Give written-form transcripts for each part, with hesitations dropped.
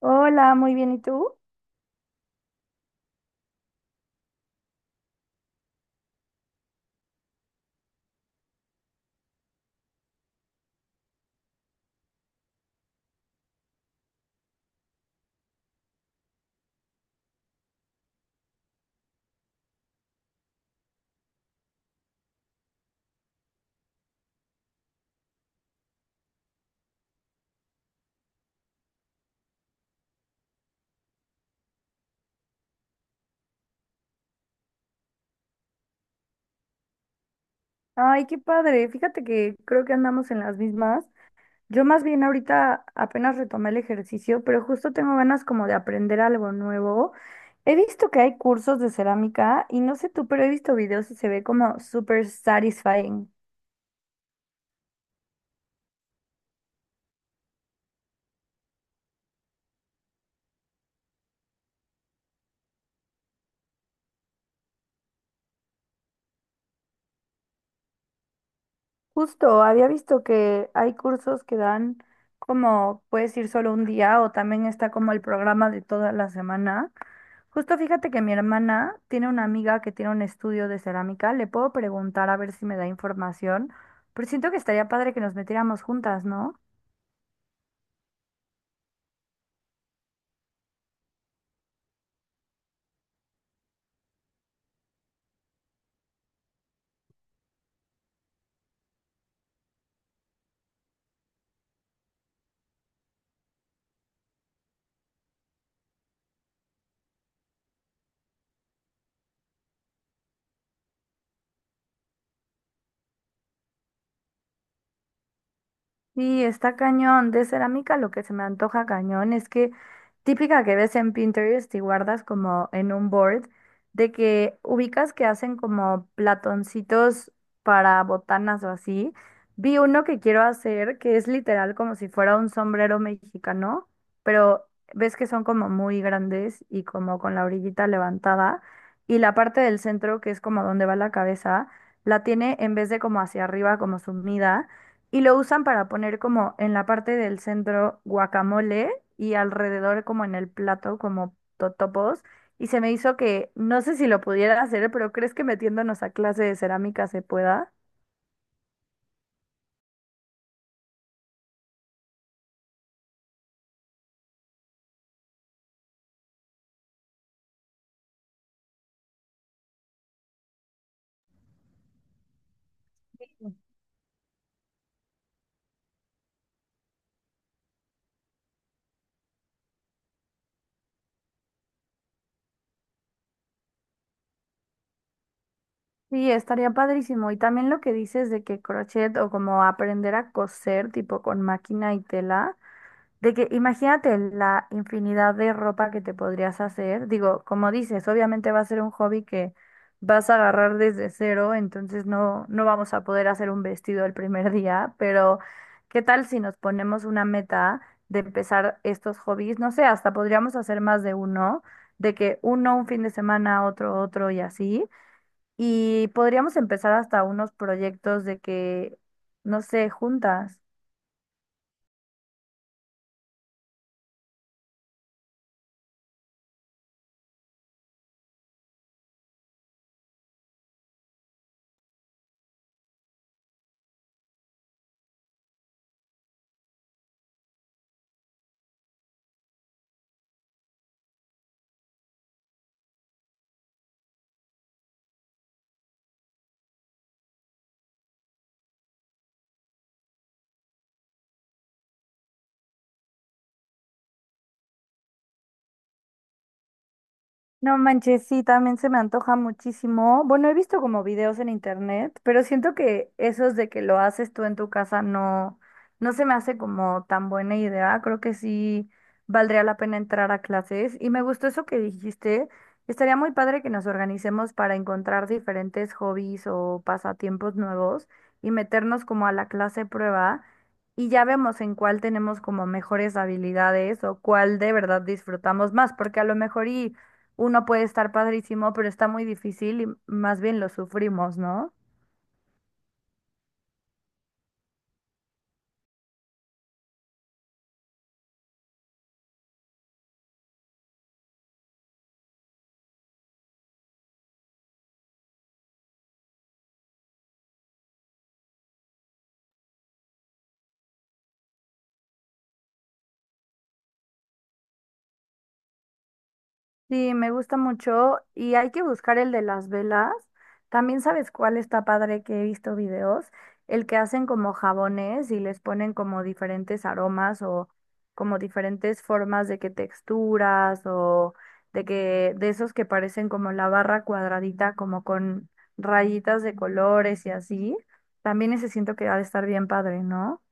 Hola, muy bien, ¿y tú? Ay, qué padre. Fíjate que creo que andamos en las mismas. Yo más bien ahorita apenas retomé el ejercicio, pero justo tengo ganas como de aprender algo nuevo. He visto que hay cursos de cerámica y no sé tú, pero he visto videos y se ve como súper satisfying. Justo, había visto que hay cursos que dan como puedes ir solo un día o también está como el programa de toda la semana. Justo fíjate que mi hermana tiene una amiga que tiene un estudio de cerámica, le puedo preguntar a ver si me da información, pero siento que estaría padre que nos metiéramos juntas, ¿no? Sí, está cañón. De cerámica lo que se me antoja cañón es que típica que ves en Pinterest y guardas como en un board, de que ubicas que hacen como platoncitos para botanas o así. Vi uno que quiero hacer que es literal como si fuera un sombrero mexicano, pero ves que son como muy grandes y como con la orillita levantada y la parte del centro que es como donde va la cabeza, la tiene en vez de como hacia arriba como sumida y lo usan para poner como en la parte del centro guacamole y alrededor como en el plato como totopos. Y se me hizo que, no sé si lo pudiera hacer, pero ¿crees que metiéndonos a clase de cerámica se pueda? Sí, estaría padrísimo. Y también lo que dices de que crochet o como aprender a coser tipo con máquina y tela, de que imagínate la infinidad de ropa que te podrías hacer. Digo, como dices, obviamente va a ser un hobby que vas a agarrar desde cero, entonces no, no vamos a poder hacer un vestido el primer día, pero ¿qué tal si nos ponemos una meta de empezar estos hobbies? No sé, hasta podríamos hacer más de uno, de que uno un fin de semana, otro otro y así. Y podríamos empezar hasta unos proyectos de que, no sé, juntas. No manches, sí, también se me antoja muchísimo. Bueno, he visto como videos en internet, pero siento que esos de que lo haces tú en tu casa no, no se me hace como tan buena idea. Creo que sí valdría la pena entrar a clases. Y me gustó eso que dijiste. Estaría muy padre que nos organicemos para encontrar diferentes hobbies o pasatiempos nuevos y meternos como a la clase prueba y ya vemos en cuál tenemos como mejores habilidades o cuál de verdad disfrutamos más, porque a lo mejor y uno puede estar padrísimo, pero está muy difícil y más bien lo sufrimos, ¿no? Sí, me gusta mucho y hay que buscar el de las velas. También sabes cuál está padre que he visto videos, el que hacen como jabones y les ponen como diferentes aromas o como diferentes formas de que texturas o de que de esos que parecen como la barra cuadradita como con rayitas de colores y así. También ese siento que ha de estar bien padre, ¿no?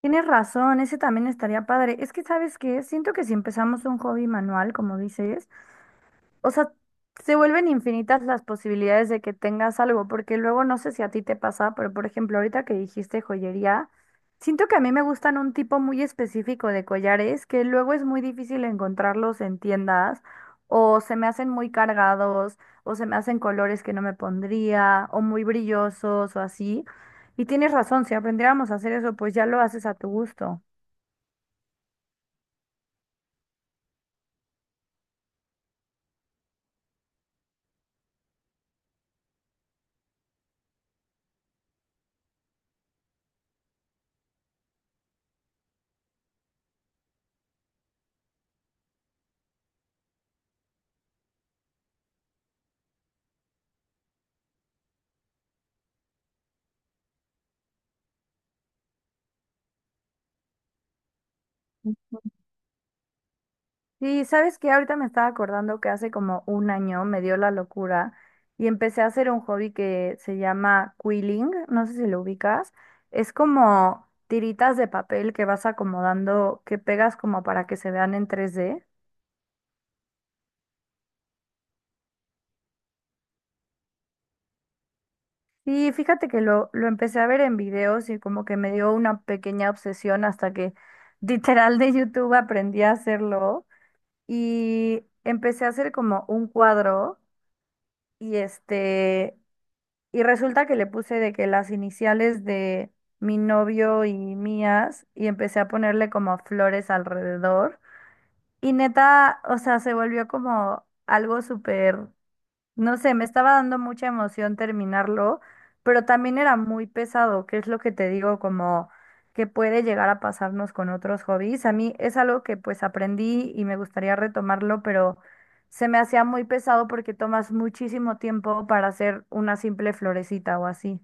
Tienes razón, ese también estaría padre. Es que, ¿sabes qué? Siento que si empezamos un hobby manual, como dices, o sea, se vuelven infinitas las posibilidades de que tengas algo, porque luego no sé si a ti te pasa, pero por ejemplo, ahorita que dijiste joyería, siento que a mí me gustan un tipo muy específico de collares que luego es muy difícil encontrarlos en tiendas, o se me hacen muy cargados, o se me hacen colores que no me pondría, o muy brillosos, o así. Y tienes razón, si aprendiéramos a hacer eso, pues ya lo haces a tu gusto. Sí, sabes que ahorita me estaba acordando que hace como un año me dio la locura y empecé a hacer un hobby que se llama quilling, no sé si lo ubicas, es como tiritas de papel que vas acomodando, que pegas como para que se vean en 3D. Y fíjate que lo empecé a ver en videos y como que me dio una pequeña obsesión hasta que literal de YouTube aprendí a hacerlo y empecé a hacer como un cuadro y este... Y resulta que le puse de que las iniciales de mi novio y mías y empecé a ponerle como flores alrededor. Y neta, o sea, se volvió como algo súper, no sé, me estaba dando mucha emoción terminarlo, pero también era muy pesado, que es lo que te digo, como que puede llegar a pasarnos con otros hobbies. A mí es algo que pues aprendí y me gustaría retomarlo, pero se me hacía muy pesado porque tomas muchísimo tiempo para hacer una simple florecita o así.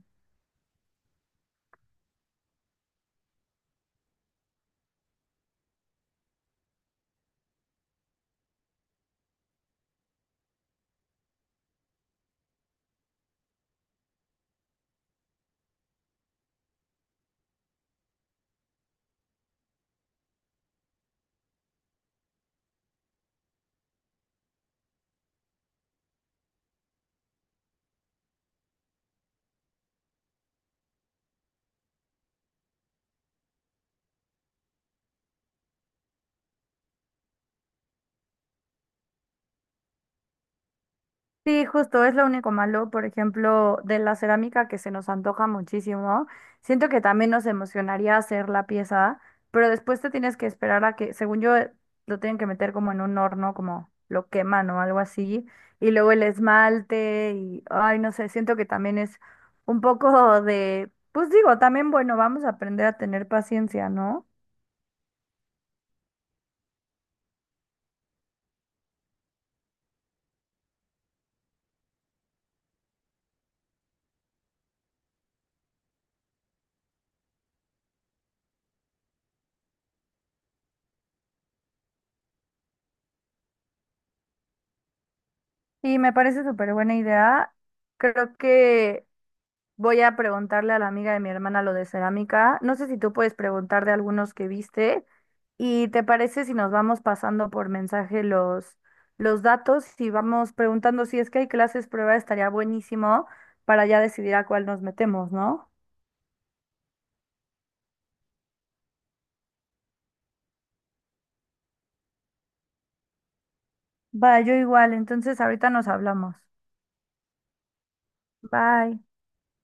Sí, justo, es lo único malo, por ejemplo, de la cerámica que se nos antoja muchísimo. Siento que también nos emocionaría hacer la pieza, pero después te tienes que esperar a que, según yo, lo tienen que meter como en un horno, como lo queman o algo así, y luego el esmalte y, ay, no sé, siento que también es un poco de, pues digo, también, bueno, vamos a aprender a tener paciencia, ¿no? Y me parece súper buena idea. Creo que voy a preguntarle a la amiga de mi hermana lo de cerámica. No sé si tú puedes preguntar de algunos que viste. ¿Y te parece si nos vamos pasando por mensaje los datos? Si vamos preguntando si es que hay clases prueba, estaría buenísimo para ya decidir a cuál nos metemos, ¿no? Va, yo igual. Entonces ahorita nos hablamos. Bye.